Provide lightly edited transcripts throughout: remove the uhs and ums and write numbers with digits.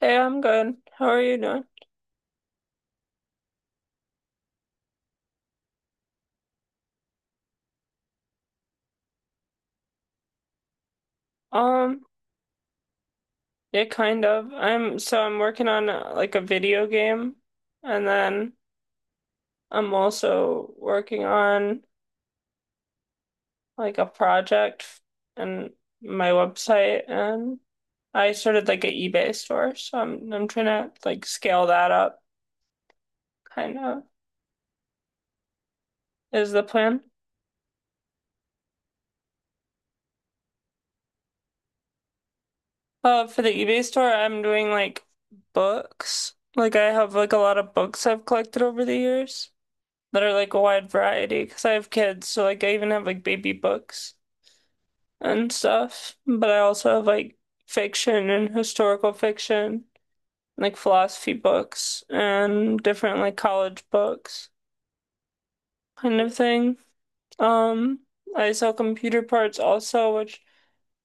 Hey, I'm good. How are you doing? Um, yeah, kind of. I'm working on like a video game, and then I'm also working on like and my website, and I started like an eBay store, so I'm trying to like scale that up. Kind of is the plan. For the eBay store, I'm doing like books. Like I have like a lot of books I've collected over the years, that are like a wide variety because I have kids, so like I even have like baby books and stuff, but I also have like fiction and historical fiction, like philosophy books and different like college books kind of thing. Um, I sell computer parts also, which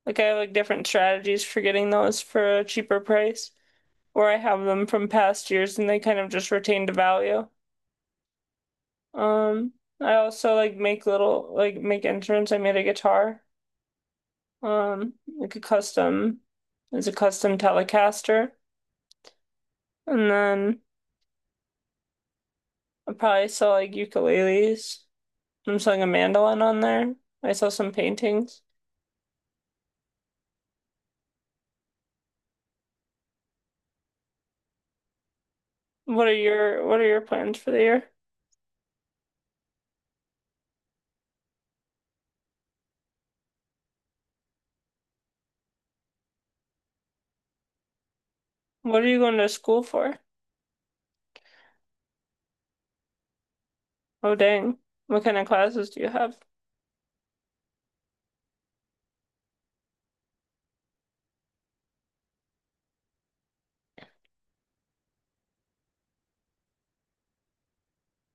like I have like different strategies for getting those for a cheaper price, or I have them from past years and they kind of just retain the value. Um, I also like make little like make instruments. I made a guitar. um, like a custom, it's a custom Telecaster, and then I probably sell like ukuleles. I'm selling a mandolin on there. I saw some paintings. What are your what are your plans for the year? What are you going to school for? Oh dang! What kind of classes do you have?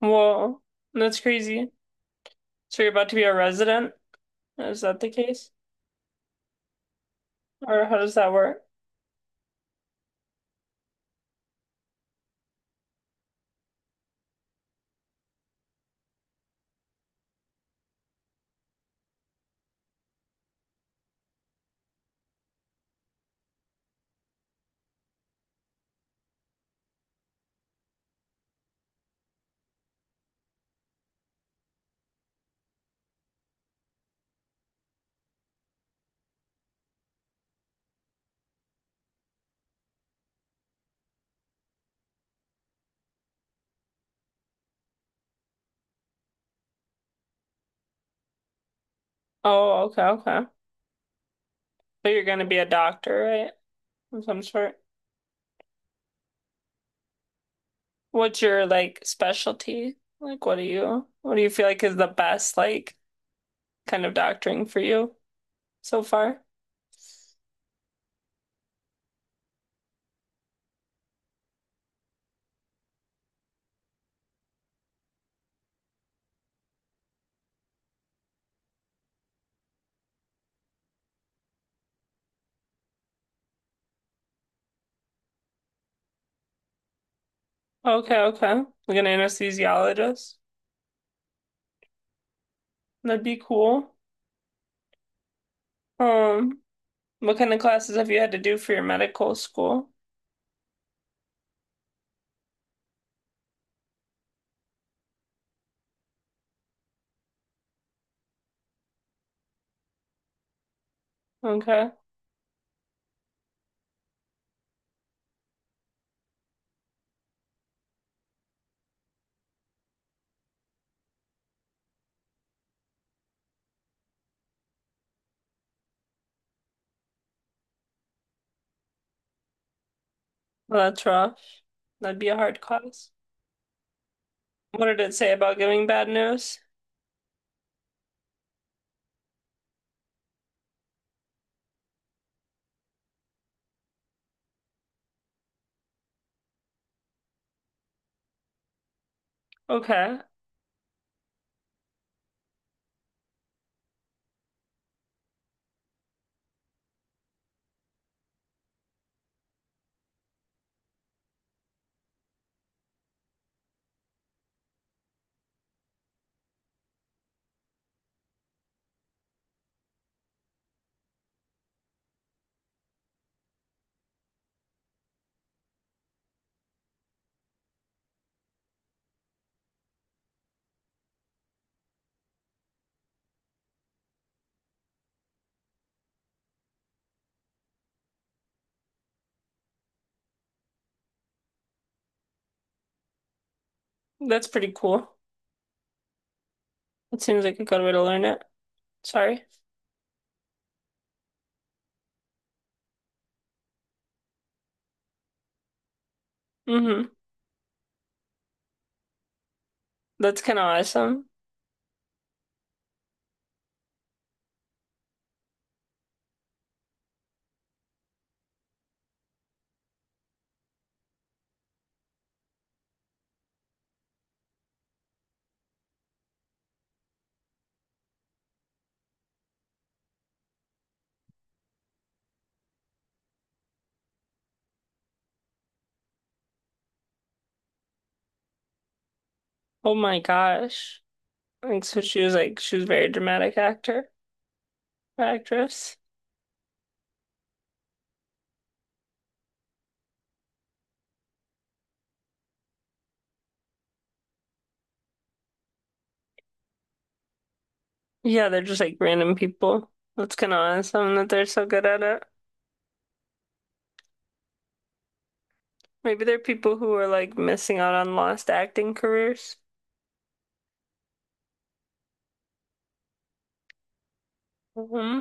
Whoa, that's crazy. So you're about to be a resident? Is that the case? Or how does that work? Oh, okay, okay. But you're going to be a doctor, right? Of some sort. What's your like specialty? Like, what do you feel like is the best like kind of doctoring for you so far? Okay, okay. Like an anesthesiologist. That'd be cool. Um, what kind of classes have you had to do for your medical school? Okay. Well, that's rough. That'd be a hard class. What did it say about giving bad news? Okay. That's pretty cool. That seems like a good way to learn it. Sorry. Mm-hmm. That's kind of awesome. Oh my gosh. And so she was a very dramatic actor, actress. Yeah, they're just like random people. That's kind of awesome that they're so good at it. Maybe they're people who are like missing out on lost acting careers. Hmm.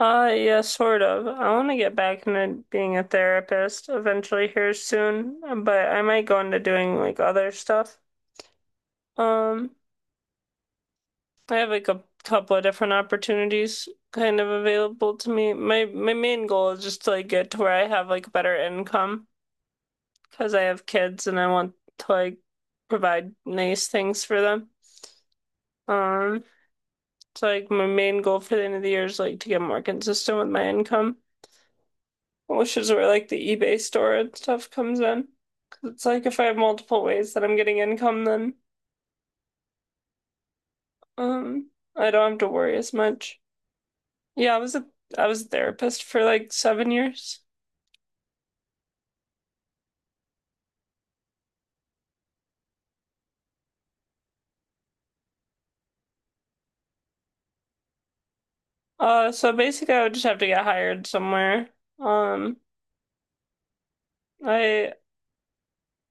Yeah, sort of. I want to get back into being a therapist eventually here soon, but I might go into doing like other stuff. Um, I have like a couple of different opportunities kind of available to me. My main goal is just to like get to where I have like better income because I have kids and I want to like provide nice things for them. Um, so like my main goal for the end of the year is like to get more consistent with my income, which is where like the eBay store and stuff comes in. Cause it's like if I have multiple ways that I'm getting income, then um I don't have to worry as much. Yeah, I was a therapist for like 7 years. So basically I would just have to get hired somewhere. Um, I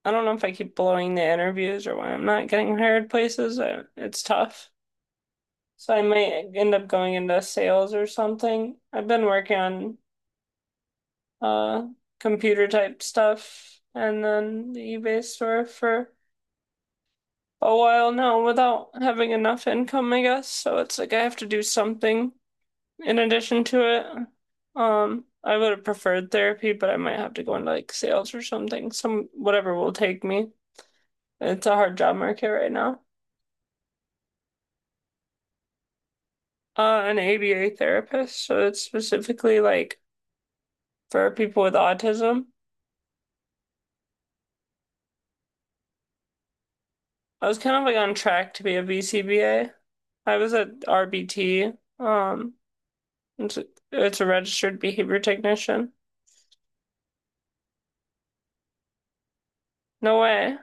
I don't know if I keep blowing the interviews or why I'm not getting hired places. It's tough. So I might end up going into sales or something. I've been working on uh computer type stuff and then the eBay store for a while now without having enough income, I guess. So it's like I have to do something in addition to it. I would have preferred therapy, but I might have to go into like sales or something. Some whatever will take me. It's a hard job market right now. An ABA therapist, so it's specifically like for people with autism. I was kind of like on track to be a BCBA. I was at RBT. Um, it's a, it's a registered behavior technician. No way.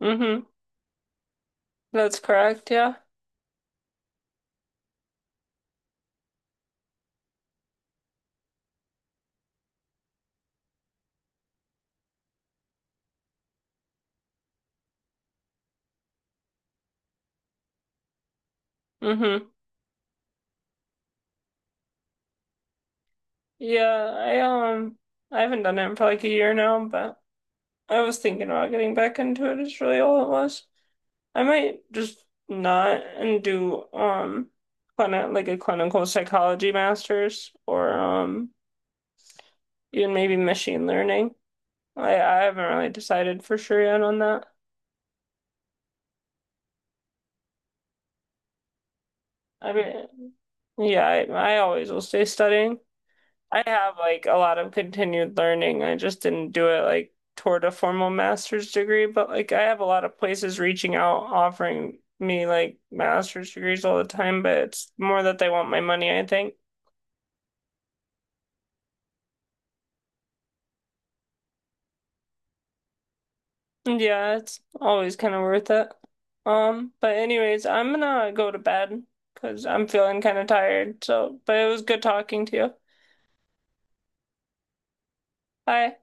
Mm-hmm. That's correct. Yeah. Mm-hmm. Yeah. I haven't done it for like a year now, but I was thinking about getting back into it. Is really all it was. I might just not and do like a clinical psychology master's or even maybe machine learning. I haven't really decided for sure yet on that. I mean, yeah, I always will stay studying. I have like a lot of continued learning. I just didn't do it like toward a formal master's degree, but like I have a lot of places reaching out offering me like master's degrees all the time, but it's more that they want my money, I think. Yeah, it's always kind of worth it. But anyways, I'm gonna go to bed because I'm feeling kind of tired. So, but it was good talking to you. Bye.